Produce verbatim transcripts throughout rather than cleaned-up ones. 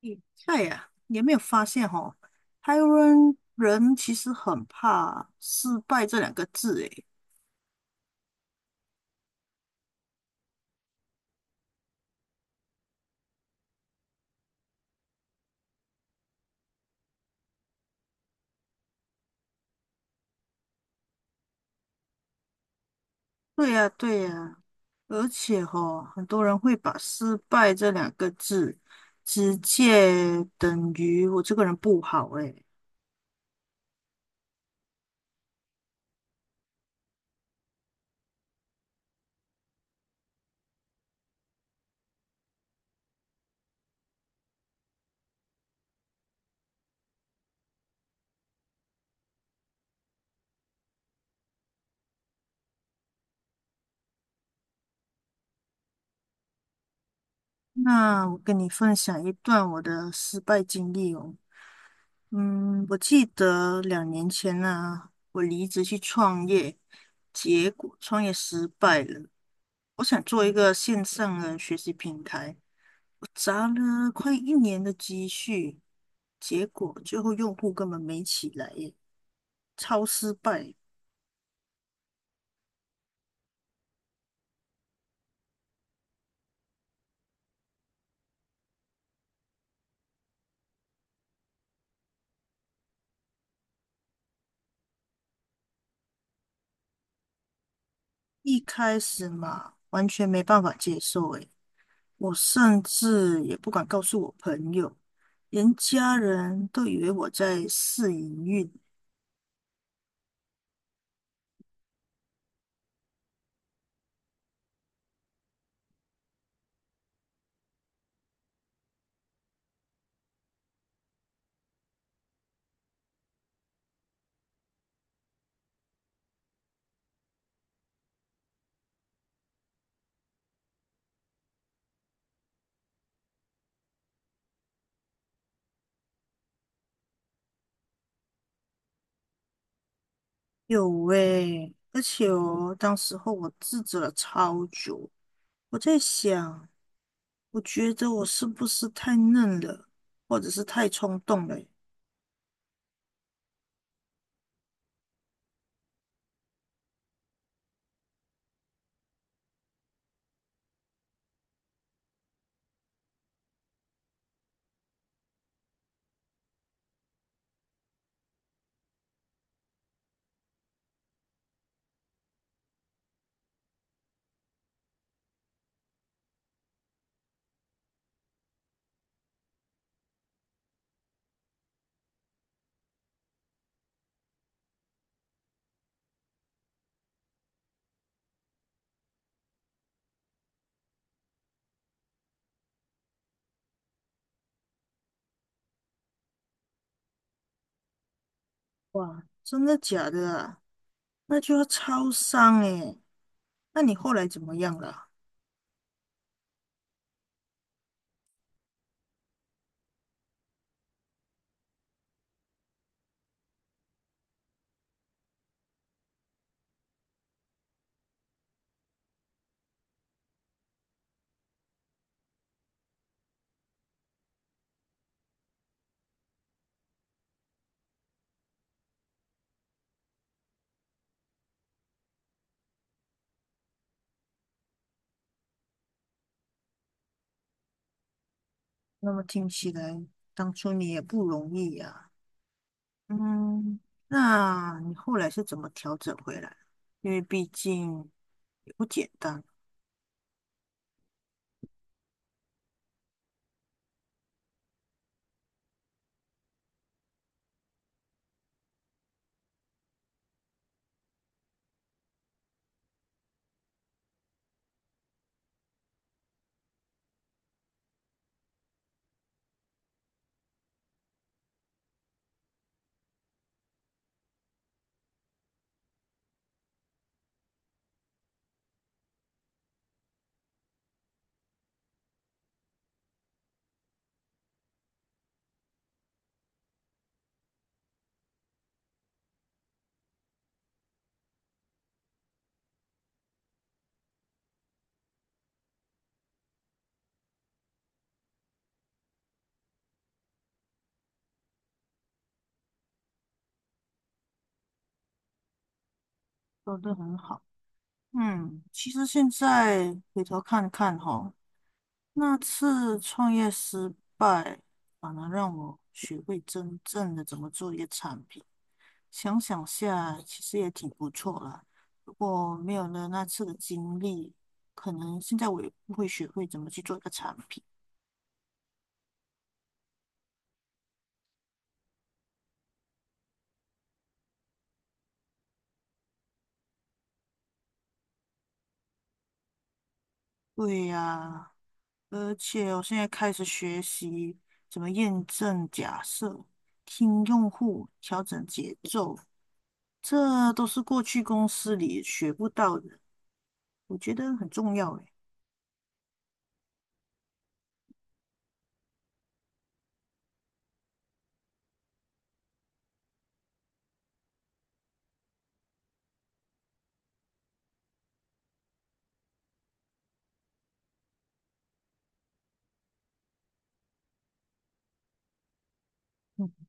你菜呀、你有没有发现哦？台湾人其实很怕失败这两个字，诶，对呀、对呀、而且哦，很多人会把失败这两个字直接等于我这个人不好，诶。那我跟你分享一段我的失败经历哦。嗯，我记得两年前呢、我离职去创业，结果创业失败了。我想做一个线上的学习平台，我砸了快一年的积蓄，结果最后用户根本没起来耶，超失败。一开始嘛，完全没办法接受诶，我甚至也不敢告诉我朋友，连家人都以为我在试营运。有喂，而且哦，当时候我自责了超久，我在想。我觉得我是不是太嫩了，或者是太冲动了欸。哇，真的假的啊？那就要超商诶。那你后来怎么样了？那么听起来，当初你也不容易呀、嗯，那你后来是怎么调整回来？因为毕竟也不简单，说得很好。嗯，其实现在回头看看哈，那次创业失败，反而让我学会真正的怎么做一个产品。想想下，其实也挺不错啦。如果没有了那次的经历，可能现在我也不会学会怎么去做一个产品。对呀，而且我现在开始学习怎么验证假设、听用户、调整节奏，这都是过去公司里学不到的，我觉得很重要诶。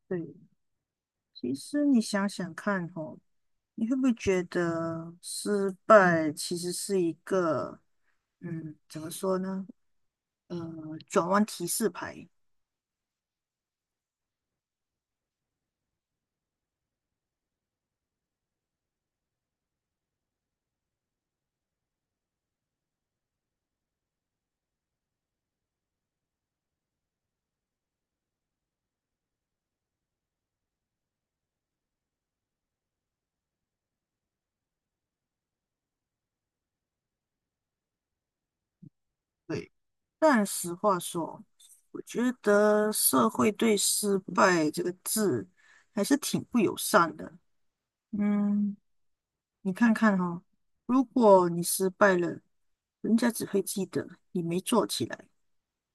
对。其实你想想看哦，你会不会觉得失败其实是一个，嗯，怎么说呢？呃，转弯提示牌。对，但实话说，我觉得社会对“失败”这个字还是挺不友善的。嗯，你看看哦，如果你失败了，人家只会记得你没做起来，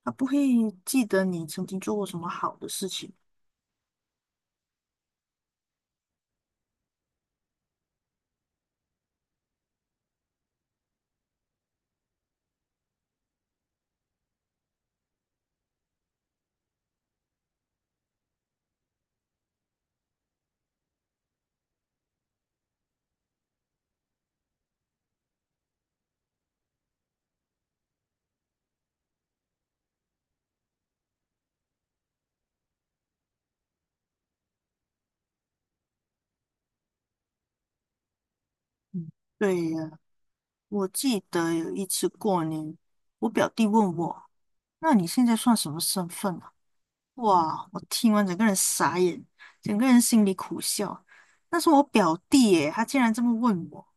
他不会记得你曾经做过什么好的事情。嗯。对呀，我记得有一次过年，我表弟问我：“那你现在算什么身份啊？”哇，我听完整个人傻眼，整个人心里苦笑。那是我表弟耶，他竟然这么问我。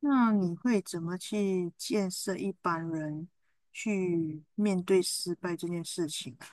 那你会怎么去建设一般人去面对失败这件事情啊？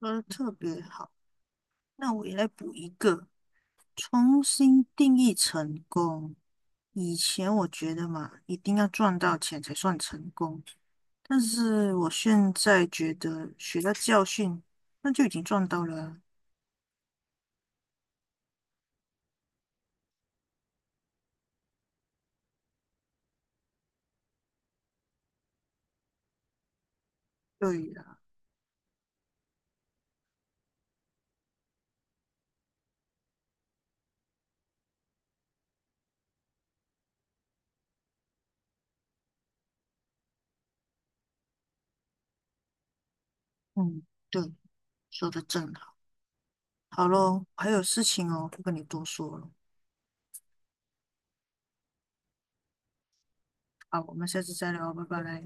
说的特别好，那我也来补一个。重新定义成功。以前我觉得嘛，一定要赚到钱才算成功，但是我现在觉得学到教训，那就已经赚到了啊。对呀，嗯，对，说的正好。好咯，还有事情哦，不跟你多说了。好，我们下次再聊，拜拜。